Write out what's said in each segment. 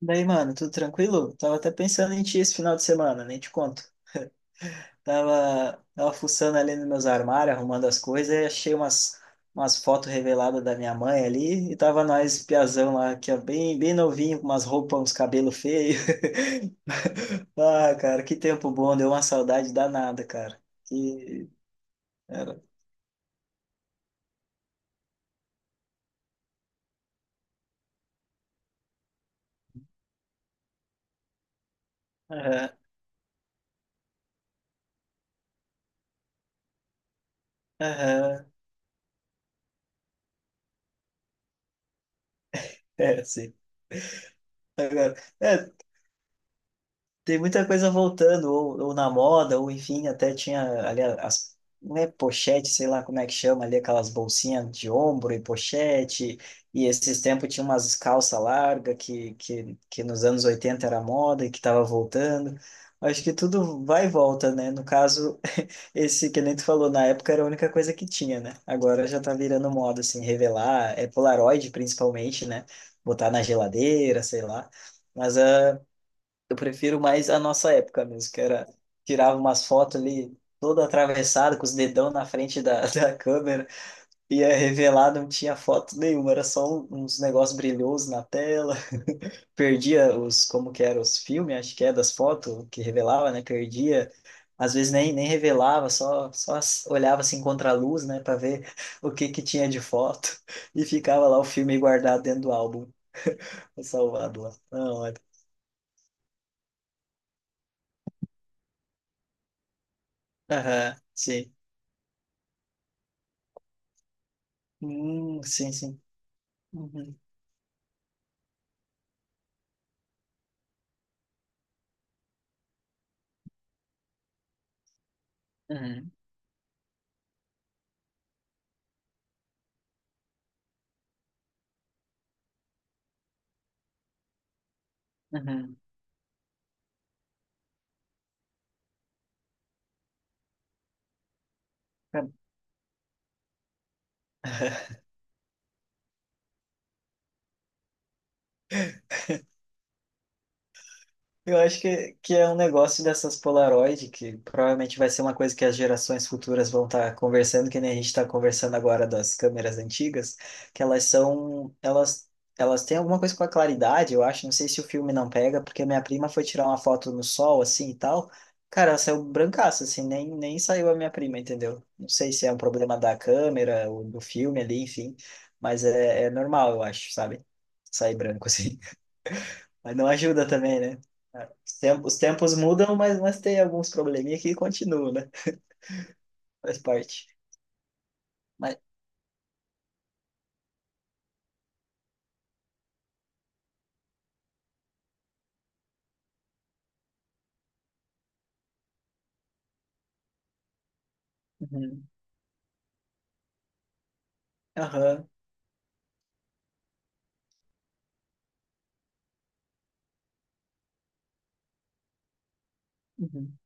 Daí, mano, tudo tranquilo? Tava até pensando em ti esse final de semana, nem te conto. Tava fuçando ali nos meus armários, arrumando as coisas, e achei umas fotos reveladas da minha mãe ali, e tava nós, piazão lá, que é bem, bem novinho, com umas roupas, uns cabelos feios. Ah, cara, que tempo bom, deu uma saudade danada, cara. Que era. Aham, aham, é, sim. Agora, é, tem muita coisa voltando, ou na moda, ou enfim, até tinha ali as, não é pochete, sei lá como é que chama ali, aquelas bolsinhas de ombro e pochete, e esses tempos tinha umas calça larga que nos anos 80 era moda e que estava voltando. Acho que tudo vai e volta, né? No caso, esse que nem tu falou, na época era a única coisa que tinha, né? Agora já tá virando moda, assim, revelar, é Polaroid principalmente, né? Botar na geladeira, sei lá. Mas ah, eu prefiro mais a nossa época mesmo, que era tirava umas fotos ali todo atravessado com os dedão na frente da, da câmera, ia revelar, não tinha foto nenhuma, era só uns negócios brilhosos na tela. Perdia os, como que era, os filmes, acho que é das fotos que revelava, né? Perdia. Às vezes nem revelava, só olhava assim contra a luz, né, para ver o que que tinha de foto e ficava lá o filme guardado dentro do álbum, salvado lá. Não, aham, sim. Sim, sim. Uhum, uhum, uhum. Tá. Eu acho que é um negócio dessas Polaroid, que provavelmente vai ser uma coisa que as gerações futuras vão estar conversando, que nem a gente está conversando agora das câmeras antigas, que elas são, elas têm alguma coisa com a claridade, eu acho, não sei se o filme não pega, porque minha prima foi tirar uma foto no sol, assim, e tal, cara, ela saiu brancaça, assim, nem saiu a minha prima, entendeu? Não sei se é um problema da câmera, ou do filme ali, enfim, mas é, é normal, eu acho, sabe? Sair branco, assim. Mas não ajuda também, né? Ah, os tempos mudam, mas tem alguns probleminha que continuam, né? Faz parte. Mas, uhum, aham, uhum,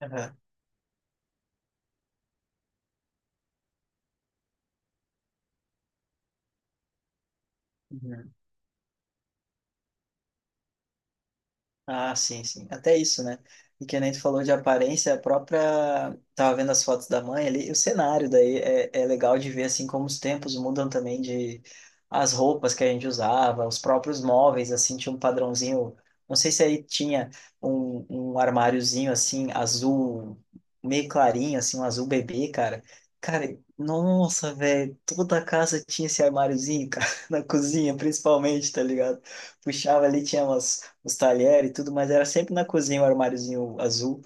aham, uhum. Ah, sim, sim. Até isso, né? E que nem tu falou de aparência, a própria. Tava vendo as fotos da mãe ali, o cenário daí é, é legal de ver assim como os tempos mudam também de as roupas que a gente usava, os próprios móveis, assim, tinha um padrãozinho. Não sei se aí tinha um, um armáriozinho assim, azul, meio clarinho, assim, um azul bebê, cara. Cara, nossa, velho, toda a casa tinha esse armáriozinho, cara, na cozinha, principalmente, tá ligado? Puxava ali, tinha umas os talheres e tudo, mas era sempre na cozinha o armáriozinho azul.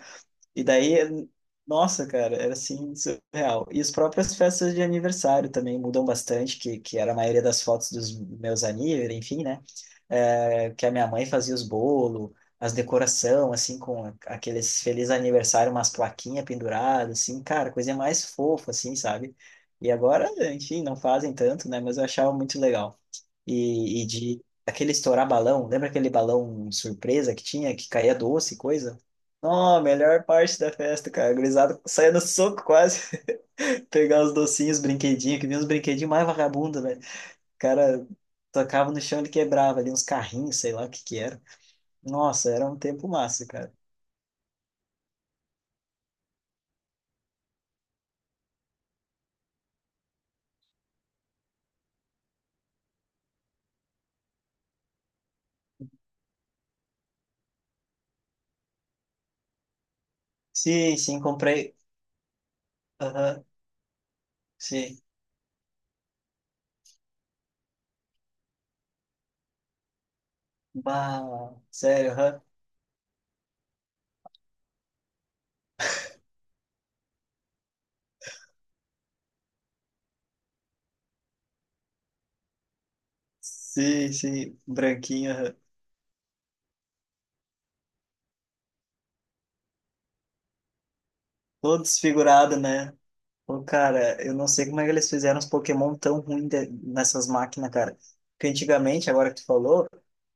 E daí, nossa, cara, era assim, surreal. E as próprias festas de aniversário também mudam bastante, que era a maioria das fotos dos meus aníveis, enfim, né? É, que a minha mãe fazia os bolos, as decoração, assim, com aqueles feliz aniversário, umas plaquinhas penduradas, assim, cara, coisa mais fofa, assim, sabe? E agora, enfim, não fazem tanto, né? Mas eu achava muito legal. E de aquele estourar balão, lembra aquele balão surpresa que tinha, que caía doce e coisa? Ó, melhor parte da festa, cara. A gurizada saia no soco quase, pegar os docinhos, os brinquedinhos, que vinha uns brinquedinhos mais vagabundos, velho. O cara tocava no chão e quebrava ali uns carrinhos, sei lá o que que era. Nossa, era um tempo massa, cara. Sim, sim, comprei. Aham, sim. Bah, sério, aham. Sim, sim, branquinho, aham. Todo desfigurado, né? Pô, cara, eu não sei como é que eles fizeram os Pokémon tão ruins nessas máquinas, cara. Porque antigamente, agora que tu falou,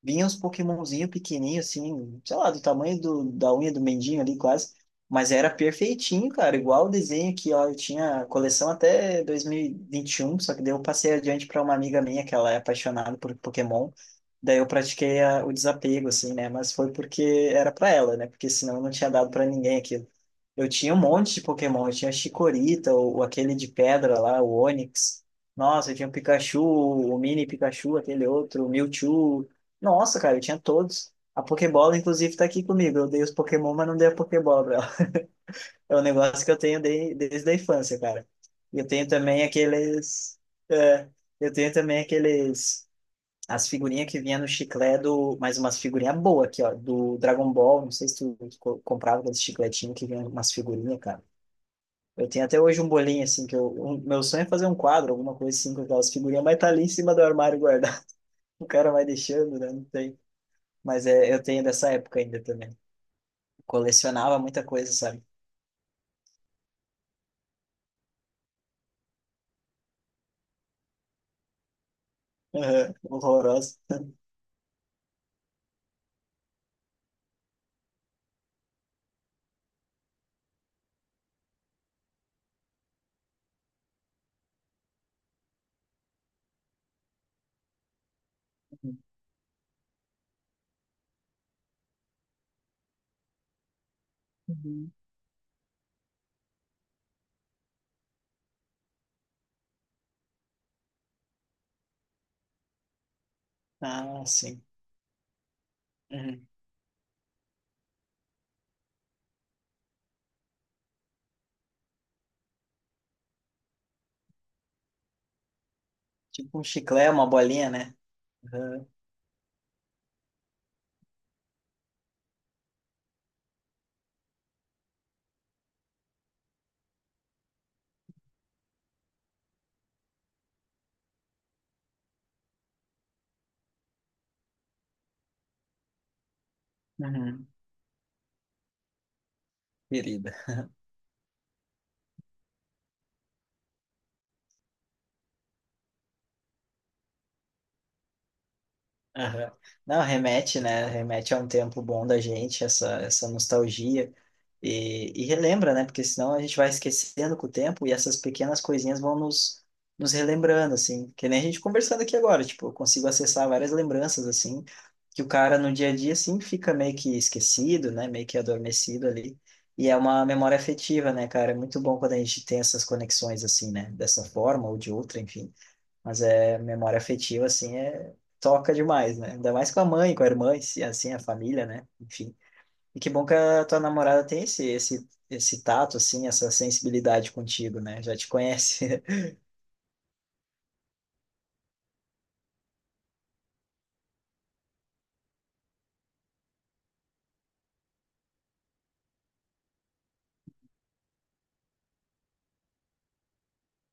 vinha uns Pokémonzinho pequenininho, assim, sei lá, do tamanho do, da unha do mendinho ali, quase. Mas era perfeitinho, cara, igual o desenho que ó, eu tinha a coleção até dois mil e vinte e um só que daí eu passei adiante para uma amiga minha que ela é apaixonada por Pokémon. Daí eu pratiquei o desapego, assim, né? Mas foi porque era para ela, né? Porque senão não tinha dado para ninguém eu tinha um monte de Pokémon. Eu tinha Chikorita, o aquele de pedra lá, o Onix. Nossa, eu tinha o Pikachu, o Mini Pikachu, aquele outro, o Mewtwo. Nossa, cara, eu tinha todos. A Pokébola, inclusive, tá aqui comigo. Eu dei os Pokémon, mas não dei a Pokébola pra ela. É um negócio que eu tenho desde a infância, cara. E eu tenho também aqueles. É, eu tenho também aqueles. As figurinhas que vinha no chiclete do. Mais umas figurinhas boas aqui, ó. Do Dragon Ball. Não sei se tu, tu comprava aqueles chicletinhos que vinha umas figurinhas, cara. Eu tenho até hoje um bolinho, assim, que eu, meu sonho é fazer um quadro, alguma coisa assim, com aquelas figurinhas, mas tá ali em cima do armário guardado. O cara vai deixando, né? Não tem. Mas é, eu tenho dessa época ainda também. Colecionava muita coisa, sabe? Aham, horrorosa. Uhum. Ah, sim. Uhum. Tipo um chiclete, uma bolinha, né? Uhum. Uhum. Querido. Aham. Não, remete, né? Remete a um tempo bom da gente, essa nostalgia. E relembra, né? Porque senão a gente vai esquecendo com o tempo e essas pequenas coisinhas vão nos, relembrando, assim. Que nem a gente conversando aqui agora, tipo, eu consigo acessar várias lembranças, assim, que o cara no dia a dia, assim, fica meio que esquecido, né? Meio que adormecido ali. E é uma memória afetiva, né, cara? É muito bom quando a gente tem essas conexões, assim, né? Dessa forma ou de outra, enfim. Mas é memória afetiva, assim, é toca demais, né? Ainda mais com a mãe, com a irmã, e assim, a família, né? Enfim. E que bom que a tua namorada tem esse tato, assim, essa sensibilidade contigo, né? Já te conhece.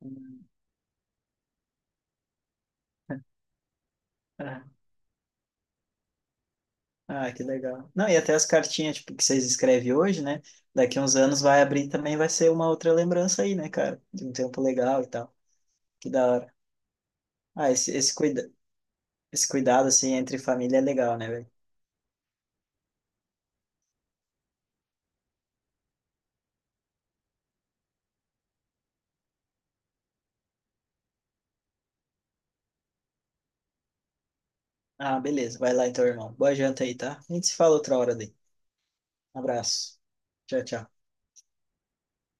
Hum. Ah, ah, que legal. Não, e até as cartinhas, tipo, que vocês escrevem hoje, né? Daqui uns anos vai abrir também, vai ser uma outra lembrança aí, né, cara? De um tempo legal e tal. Que da hora. Ah, esse cuidado, assim, entre família é legal, né, velho? Ah, beleza. Vai lá então, irmão. Boa janta aí, tá? A gente se fala outra hora daí. Abraço. Tchau, tchau.